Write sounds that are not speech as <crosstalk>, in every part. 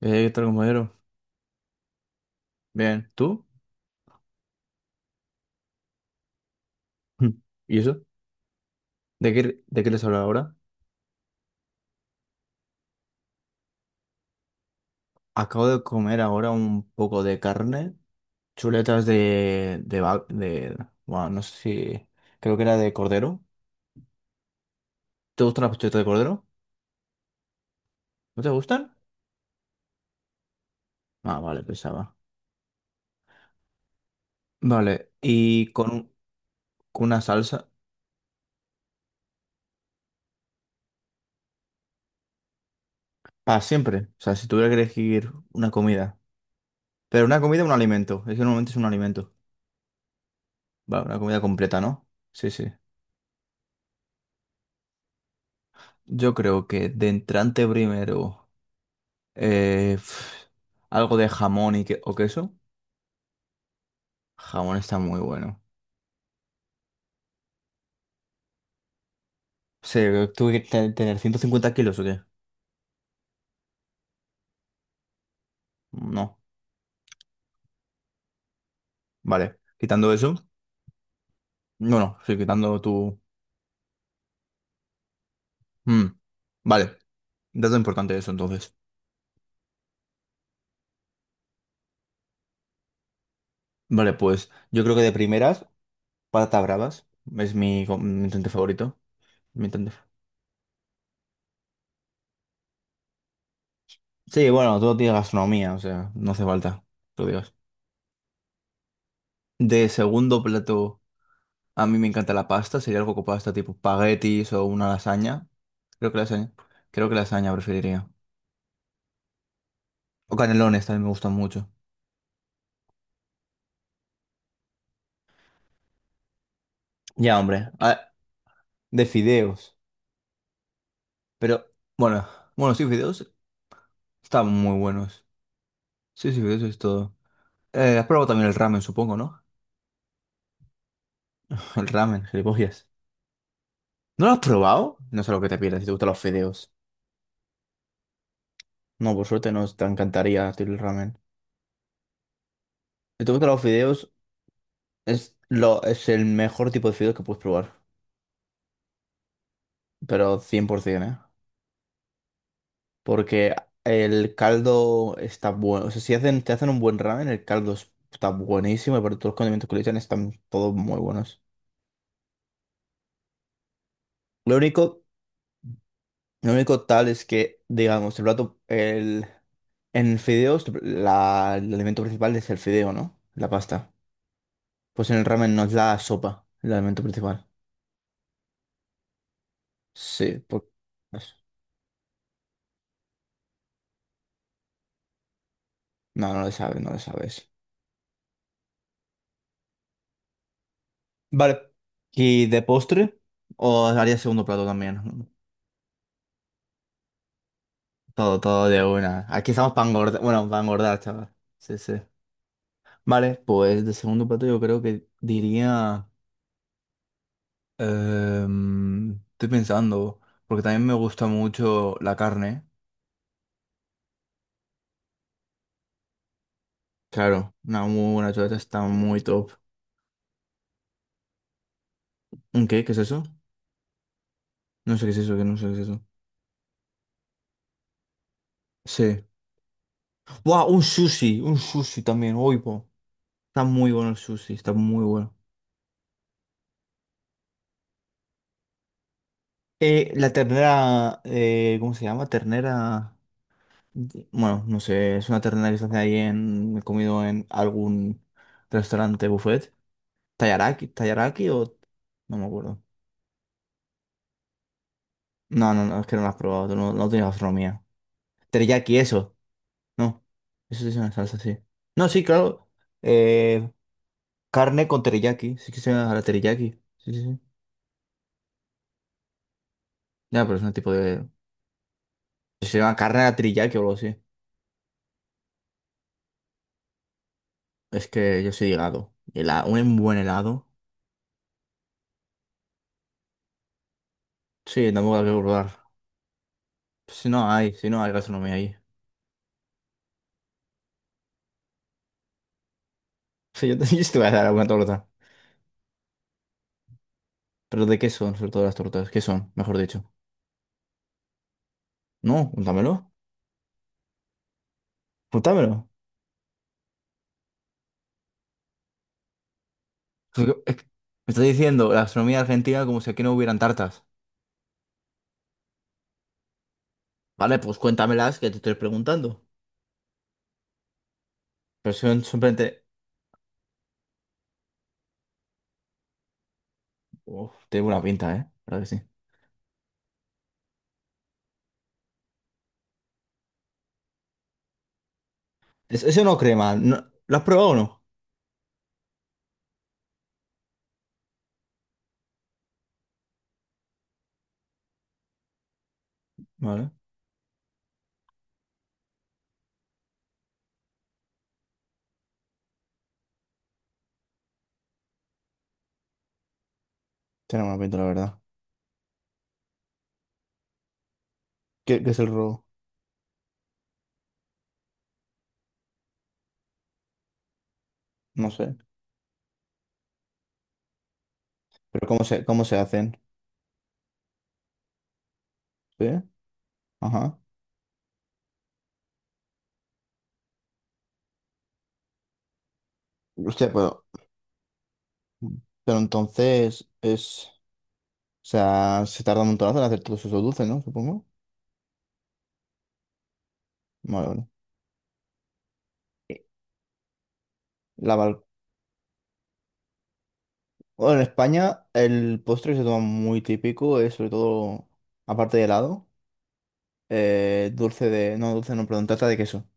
¿Qué tal, compañero? Bien, ¿tú? <laughs> Mm. ¿Y eso? ¿De qué les hablo ahora? Acabo de comer ahora un poco de carne, chuletas de, bueno, no sé si, creo que era de cordero. ¿Te gustan las chuletas de cordero? ¿No te gustan? Ah, vale, pensaba. Vale, y con una salsa, para siempre. O sea, si tuviera que elegir una comida. Pero una comida, un alimento. Es que normalmente es un alimento. Vale, una comida completa, ¿no? Sí, sí. Yo creo que de entrante primero. Eh, pf, algo de jamón o queso. Jamón está muy bueno. Sí, ¿tuve que tener 150 kilos o qué? No. Vale. Quitando eso. No, no, sí, quitando tu. Mm, vale. Dato importante eso entonces. Vale, pues yo creo que de primeras, patatas bravas. Es mi intento favorito. Mi intento-. Sí, bueno, todo tiene gastronomía, o sea, no hace falta. Que lo digas. De segundo plato. A mí me encanta la pasta, sería algo con pasta tipo espaguetis o una lasaña. Creo que lasaña. Creo que lasaña preferiría. O canelones también me gustan mucho. Ya, hombre. De fideos. Pero, bueno, bueno, sí, fideos están muy buenos. Sí, sí, fideos es todo. ¿Has probado también el ramen, supongo, ¿no? <laughs> El ramen, gilipollas. ¿No lo has probado? No sé lo que te pierdes si te gustan los fideos. No, por suerte no te encantaría el ramen. Si te gustan los fideos, es el mejor tipo de fideos que puedes probar. Pero 100%, ¿eh? Porque el caldo está bueno. O sea, si hacen, te hacen un buen ramen, el caldo está buenísimo y por todos los condimentos que le echan están todos muy buenos. Lo único, lo único tal es que, digamos, el plato, en fideos, el alimento principal es el fideo, ¿no? La pasta. Pues en el ramen no es la sopa, el alimento principal. Sí, pues. No, no lo sabes, no lo sabes. Vale. ¿Y de postre? ¿O haría segundo plato también? Todo, todo de una. Aquí estamos para engordar. Bueno, para engordar, chaval. Sí, sí. Vale, pues de segundo plato yo creo que diría. Estoy pensando, porque también me gusta mucho la carne. Claro, una muy buena chuleta está muy top. ¿Un qué? ¿Qué es eso? No sé qué es eso, que no sé qué es eso. Sí. ¡Wow! Un sushi también. Uy, po. Está muy bueno el sushi, está muy bueno. La ternera. ¿Cómo se llama? Ternera. Bueno, no sé, es una terna que se hace ahí en. He comido en algún restaurante buffet. ¿Tayaraki? ¿Tayaraki o? No me acuerdo. No, no, no, es que no lo has probado, tú no, no tienes gastronomía. Teriyaki, eso. No, eso sí es una salsa, sí. No, sí, claro. Eh, Carne con teriyaki, sí que se llama la teriyaki. Sí, sí, sí. Ya, pero es un tipo de. Si se llama carne a la teriyaki o algo así. Es que yo soy de helado. Un buen helado. Sí, tampoco hay que probar. Si no hay gastronomía ahí. Sí, yo te, <laughs> yo sí te voy a dar alguna torta. Pero ¿de qué son, sobre todo las tortas? ¿Qué son, mejor dicho? No, cuéntamelo. Cuéntamelo. Es que me estás diciendo la gastronomía argentina como si aquí no hubieran tartas. Vale, pues cuéntamelas que te estoy preguntando. Pero son simplemente. Uf, tiene buena pinta, ¿eh? La verdad que sí. Eso no crema. ¿Lo has probado o no? Vale. Tiene buena pinta, la verdad. ¿Qué es el robo? No sé. Pero ¿cómo se hacen? ¿Sí? Ajá. Hostia, pero. Pero entonces es. O sea, se tarda un montonazo en hacer todos esos dulces, ¿no? Supongo. Vale, vale. Eh, La val- Bueno, en España el postre que se toma muy típico, es sobre todo, aparte de helado, dulce de. No, dulce no, perdón, tarta de queso.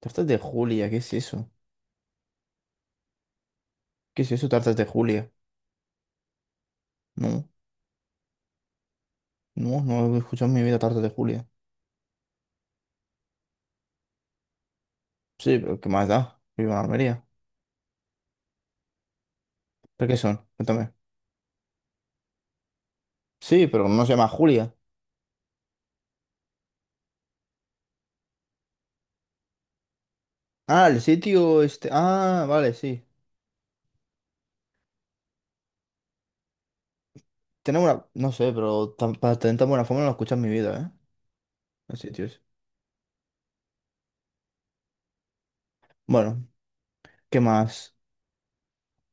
Tartas de Julia, ¿qué es eso? ¿Qué es eso, tartas de Julia? No, no, no he escuchado en mi vida tartas de Julia. Sí, pero ¿qué más da? Vivo en Almería. ¿Pero qué son? Cuéntame. Sí, pero no se llama Julia. Ah, el sitio este. Ah, vale, sí. Tenemos una. No sé, pero para tener tan buena forma no lo he escuchado en mi vida, ¿eh? Los sitios. Bueno, ¿qué más?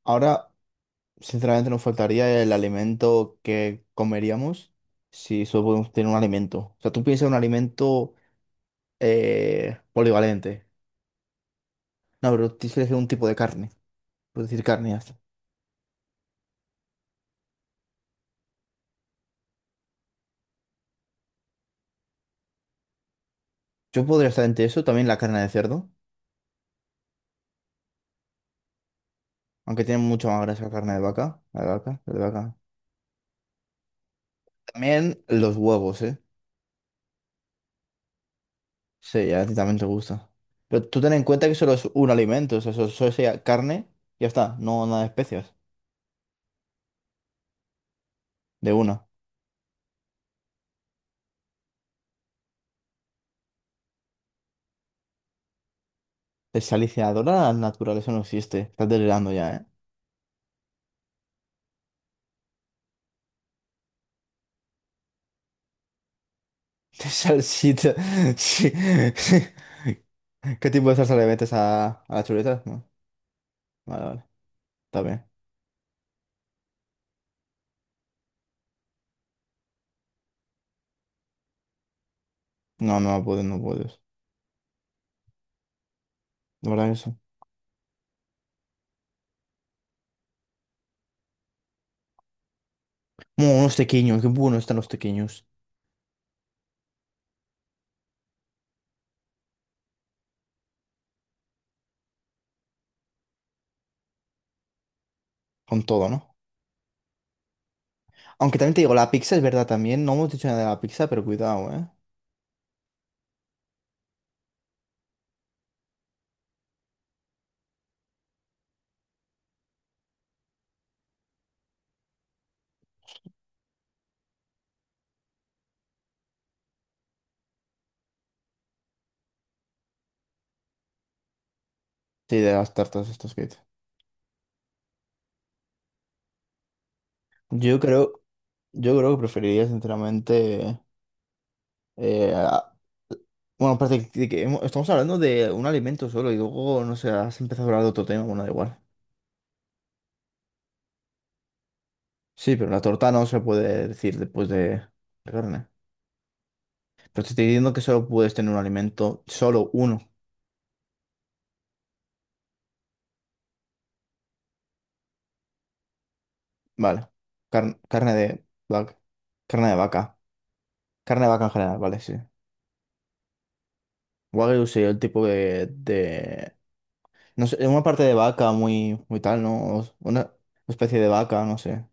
Ahora, sinceramente, nos faltaría el alimento que comeríamos si solo podemos tener un alimento. O sea, tú piensas en un alimento, polivalente. No, pero tienes que elegir un tipo de carne. Puedes decir carne y ya está. Yo podría estar entre eso, también la carne de cerdo, aunque tiene mucha más grasa que la carne de vaca. La de vaca, la de vaca. También los huevos, ¿eh? Sí, a ti también te gusta. Pero tú ten en cuenta que solo es un alimento, o sea, solo sería carne y ya está, no nada de especias, de una. Desalinizadora de la naturaleza no existe. Estás delirando ya, ¿eh? <laughs> Salsita. Sí. ¿Qué tipo de salsa le metes a las chuletas? No. Vale, vale. Está bien. No, no puedes, no puedes. De verdad eso. Unos tequeños. Qué buenos están los tequeños. Con todo, ¿no? Aunque también te digo, la pizza es verdad también. No hemos dicho nada de la pizza, pero cuidado, ¿eh? Sí, de las tartas estas que dices. Yo creo. Yo creo que preferiría, sinceramente. Eh, a- bueno, parece que estamos hablando de un alimento solo y luego, no sé, has empezado a hablar de otro tema, bueno, da igual. Sí, pero la torta no se puede decir después de la carne. Pero te estoy diciendo que solo puedes tener un alimento, solo uno. Vale. Carne de vaca. Carne de vaca. Carne de vaca en general, vale, sí. Wagyu sí, el tipo de... No sé, una parte de vaca muy, muy tal, ¿no? Una especie de vaca, no sé.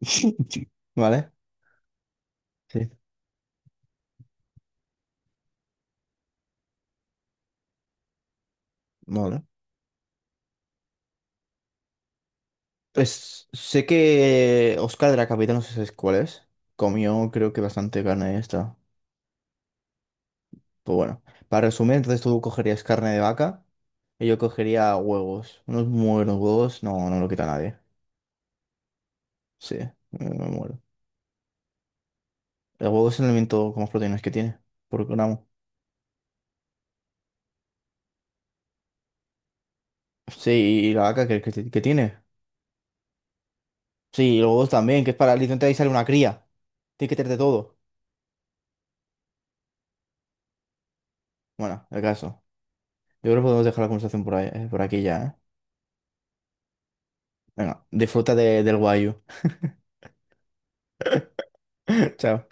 <laughs> ¿Vale? Sí. Vale. Pues sé que Oscar de la Capital, no sé si cuál es, comió creo que bastante carne de esta. Pues bueno, para resumir, entonces tú cogerías carne de vaca y yo cogería huevos. Unos muy buenos huevos, no, no lo quita nadie. Sí, me muero. El huevo es el alimento con más proteínas que tiene, por gramo. Sí, y la vaca que tiene. Sí, y los huevos también, que es para literalmente ahí sale una cría. Tiene que tener de todo. Bueno, el caso. Yo creo que podemos dejar la conversación por ahí, por aquí ya, ¿eh? Venga, disfruta del guayu. <laughs> Chao.